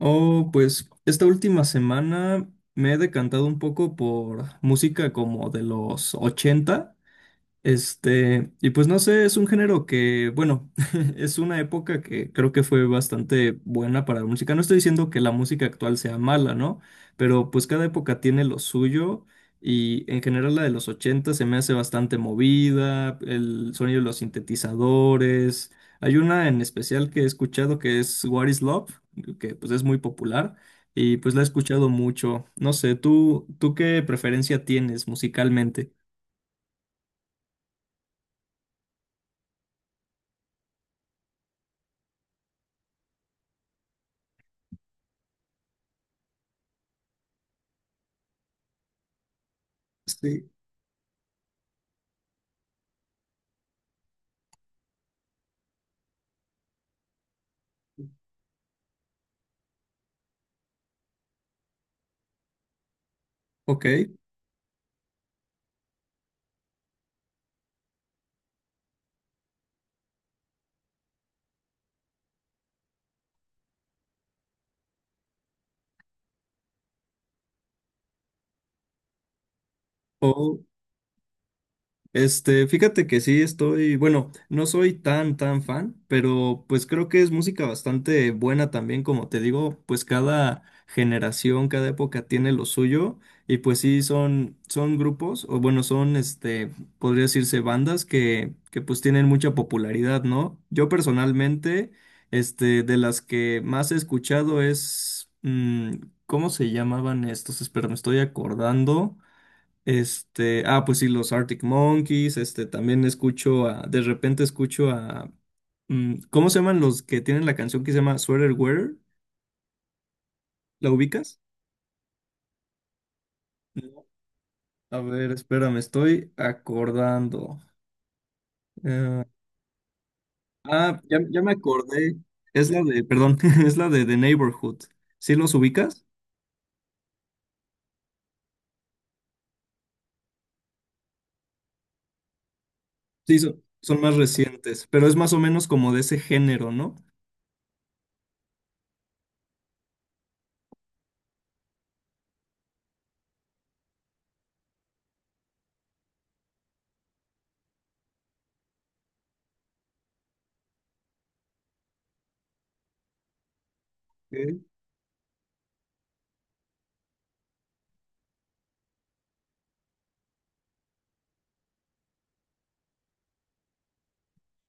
Oh, pues esta última semana me he decantado un poco por música como de los 80. Y pues no sé, es un género que, bueno, es una época que creo que fue bastante buena para la música. No estoy diciendo que la música actual sea mala, ¿no? Pero pues cada época tiene lo suyo y en general la de los 80 se me hace bastante movida, el sonido de los sintetizadores. Hay una en especial que he escuchado que es What is Love, que pues es muy popular y pues la he escuchado mucho. No sé, ¿tú qué preferencia tienes musicalmente? Sí, ok. Oh, fíjate que sí estoy, bueno, no soy tan fan, pero pues creo que es música bastante buena también, como te digo, pues cada generación, cada época tiene lo suyo y pues sí son grupos, o bueno, son, podría decirse bandas que pues tienen mucha popularidad, ¿no? Yo personalmente, de las que más he escuchado es, ¿cómo se llamaban estos? Espera, me estoy acordando. Pues sí, los Arctic Monkeys, también escucho a, de repente escucho a, ¿cómo se llaman los que tienen la canción que se llama Sweater Wearer? ¿La ubicas? No. A ver, espera, me estoy acordando. Eh, ya me acordé. Es la de, perdón, es la de The Neighborhood. ¿Sí los ubicas? Sí, son más recientes, pero es más o menos como de ese género, ¿no?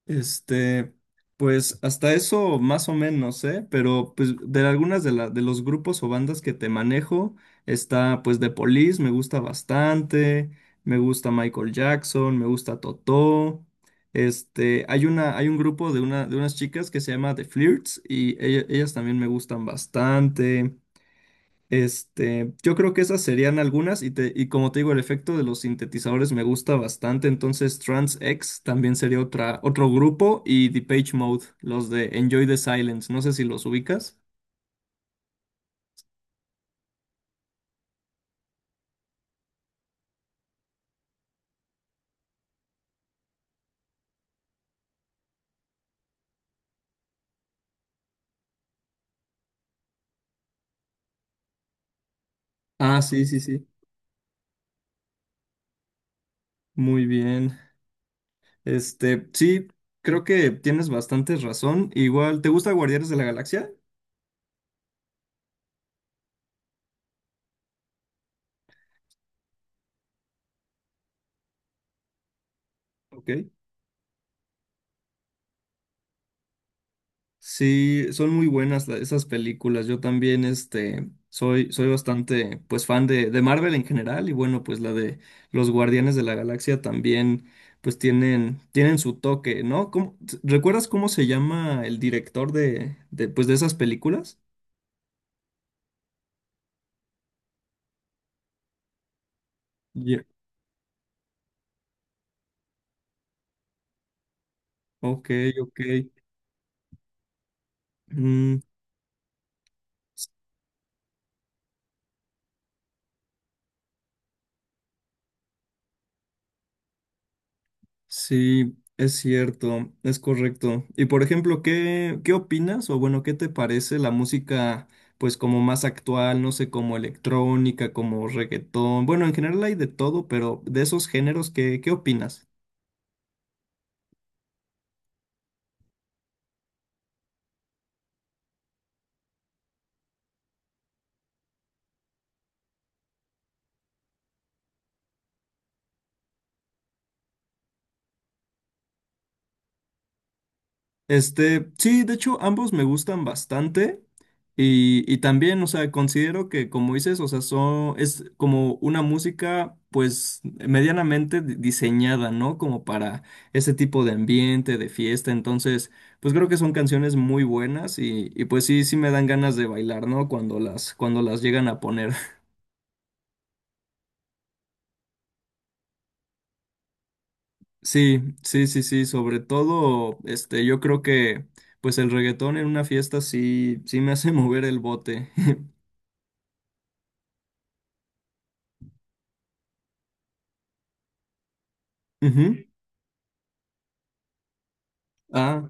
Este, pues hasta eso más o menos, ¿eh? Pero pues de algunas de, la, de los grupos o bandas que te manejo está pues The Police, me gusta bastante, me gusta Michael Jackson, me gusta Totó. Hay una, hay un grupo de una, de unas chicas que se llama The Flirts y ella- ellas también me gustan bastante. Yo creo que esas serían algunas y, te, y como te digo, el efecto de los sintetizadores me gusta bastante, entonces Trans X también sería otra, otro grupo y The Page Mode, los de Enjoy the Silence, no sé si los ubicas. Ah, sí. Muy bien. Sí, creo que tienes bastante razón. Igual, ¿te gusta Guardianes de la Galaxia? Ok. Sí, son muy buenas la- esas películas. Yo también, soy bastante, pues, fan de Marvel en general y bueno, pues la de los Guardianes de la Galaxia también, pues, tienen su toque, ¿no? ¿Cómo- t- ¿recuerdas cómo se llama el director pues, de esas películas? Ye- Ok, ok. Mm, sí, es cierto, es correcto. Y por ejemplo, ¿qué opinas o bueno, qué te parece la música pues como más actual, no sé, como electrónica, como reggaetón? Bueno, en general hay de todo, pero de esos géneros, ¿qué opinas? Sí, de hecho, ambos me gustan bastante. Y también, o sea, considero que, como dices, o sea, son, es como una música, pues, medianamente di- diseñada, ¿no? Como para ese tipo de ambiente, de fiesta. Entonces, pues creo que son canciones muy buenas y pues sí, sí me dan ganas de bailar, ¿no? Cuando cuando las llegan a poner. Sí. Sobre todo, yo creo que, pues, el reggaetón en una fiesta sí, sí me hace mover el bote. Ujú. Ah,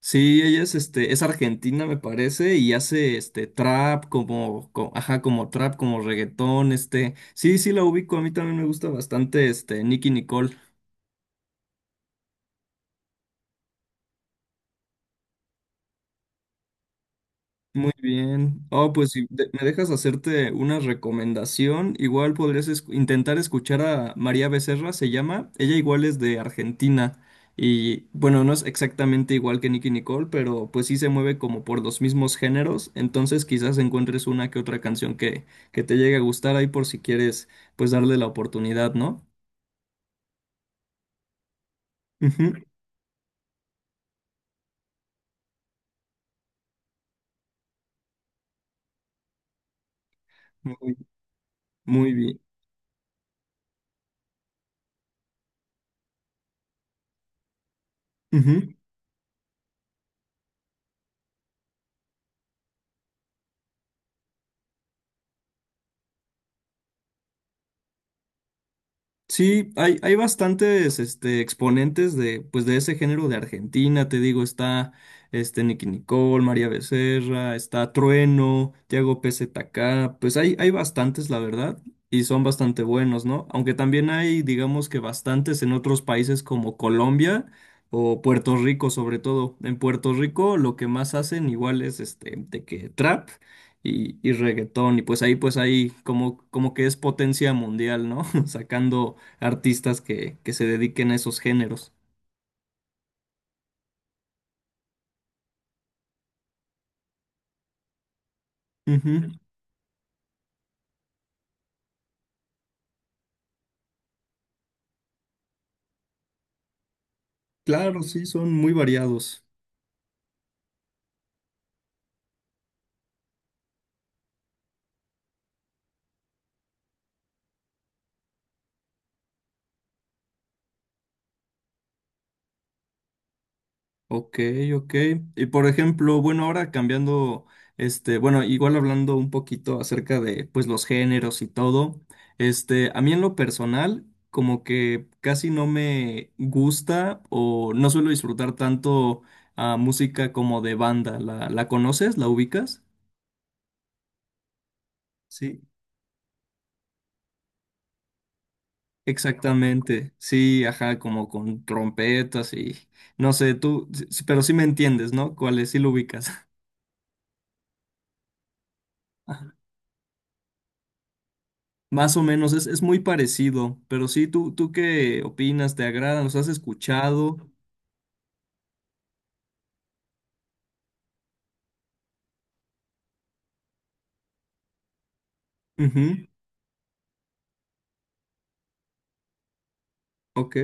sí, ella es, es argentina, me parece, y hace este trap como, co- ajá, como trap, como reggaetón, este. Sí la ubico, a mí también me gusta bastante este Nicki Nicole. Muy bien. Oh, pues si de- me dejas hacerte una recomendación, igual podrías esc- intentar escuchar a María Becerra, se llama. Ella igual es de Argentina y bueno, no es exactamente igual que Nicki Nicole, pero pues sí se mueve como por los mismos géneros, entonces quizás encuentres una que otra canción que te llegue a gustar ahí por si quieres pues darle la oportunidad, ¿no? Ujú. Muy, muy bien. Ujú. Sí, hay bastantes este, exponentes de, pues, de ese género de Argentina, te digo, está Nicki Nicole, María Becerra, está Trueno, Tiago PZK, pues hay bastantes, la verdad, y son bastante buenos, ¿no? Aunque también hay, digamos que bastantes en otros países como Colombia o Puerto Rico, sobre todo. En Puerto Rico lo que más hacen igual es de que trap y reggaetón, y pues ahí como, como que es potencia mundial, ¿no? Sacando artistas que se dediquen a esos géneros. Ujú, claro, sí, son muy variados. Ok, ok. Y por ejemplo, bueno, ahora cambiando, igual hablando un poquito acerca de, pues, los géneros y todo, a mí en lo personal, como que casi no me gusta o no suelo disfrutar tanto a música como de banda. ¿La conoces? ¿La ubicas? Sí. Exactamente, sí, ajá, como con trompetas y no sé, tú, s- pero sí me entiendes, ¿no? ¿Cuál es? Sí lo ubicas. Más o menos, es muy parecido, pero sí, ¿tú qué opinas? ¿Te agradan? ¿Los has escuchado? Ujú, ok.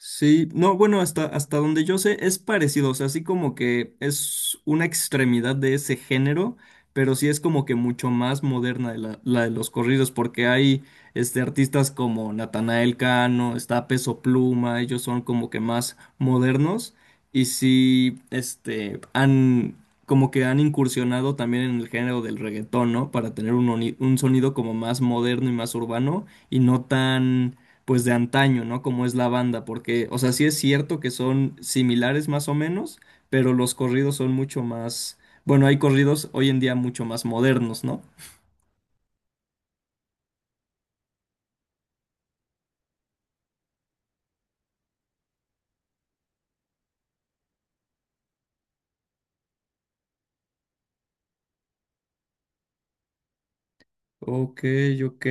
Sí, no, bueno, hasta donde yo sé es parecido, o sea, así como que es una extremidad de ese género, pero sí es como que mucho más moderna la de los corridos, porque hay artistas como Natanael Cano, está Peso Pluma, ellos son como que más modernos y sí, han como que han incursionado también en el género del reggaetón, ¿no? Para tener un, oni- un sonido como más moderno y más urbano y no tan pues de antaño, ¿no? Como es la banda, porque, o sea, sí es cierto que son similares más o menos, pero los corridos son mucho más, bueno, hay corridos hoy en día mucho más modernos, ¿no? Ok, ok.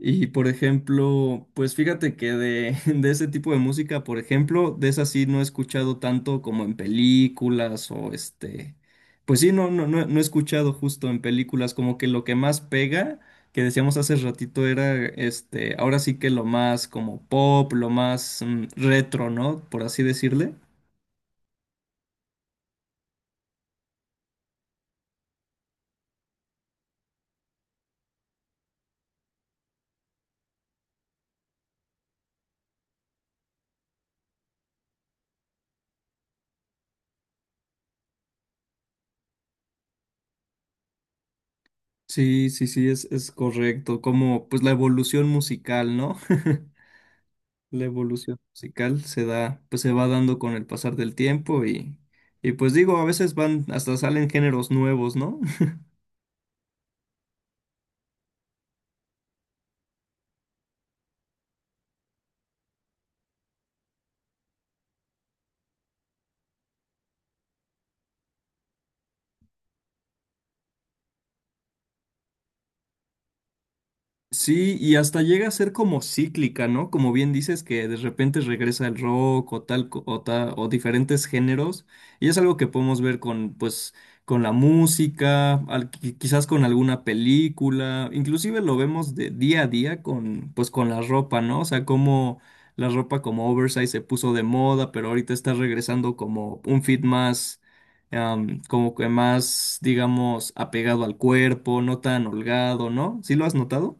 Y por ejemplo, pues fíjate que de, de ese tipo de música, por ejemplo, de esa sí no he escuchado tanto como en películas o pues sí, no he escuchado justo en películas, como que lo que más pega, que decíamos hace ratito, era ahora sí que lo más como pop, lo más retro, ¿no? Por así decirle. Sí, es correcto, como pues la evolución musical, ¿no? La evolución musical se da, pues se va dando con el pasar del tiempo y pues digo, a veces van, hasta salen géneros nuevos, ¿no? Sí, y hasta llega a ser como cíclica, ¿no? Como bien dices, que de repente regresa el rock o tal, co- o ta- o diferentes géneros. Y es algo que podemos ver con, pues, con la música, al- qui- quizás con alguna película. Inclusive lo vemos de día a día con, pues, con la ropa, ¿no? O sea, como la ropa como oversize se puso de moda, pero ahorita está regresando como un fit más como que más, digamos, apegado al cuerpo, no tan holgado, ¿no? ¿Sí lo has notado?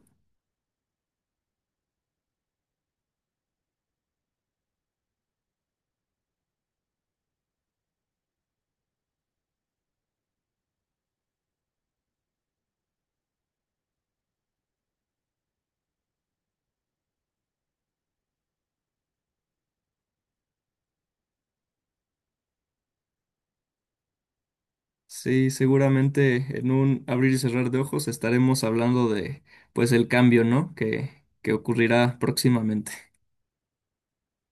Sí, seguramente en un abrir y cerrar de ojos estaremos hablando de, pues, el cambio, ¿no? Que ocurrirá próximamente.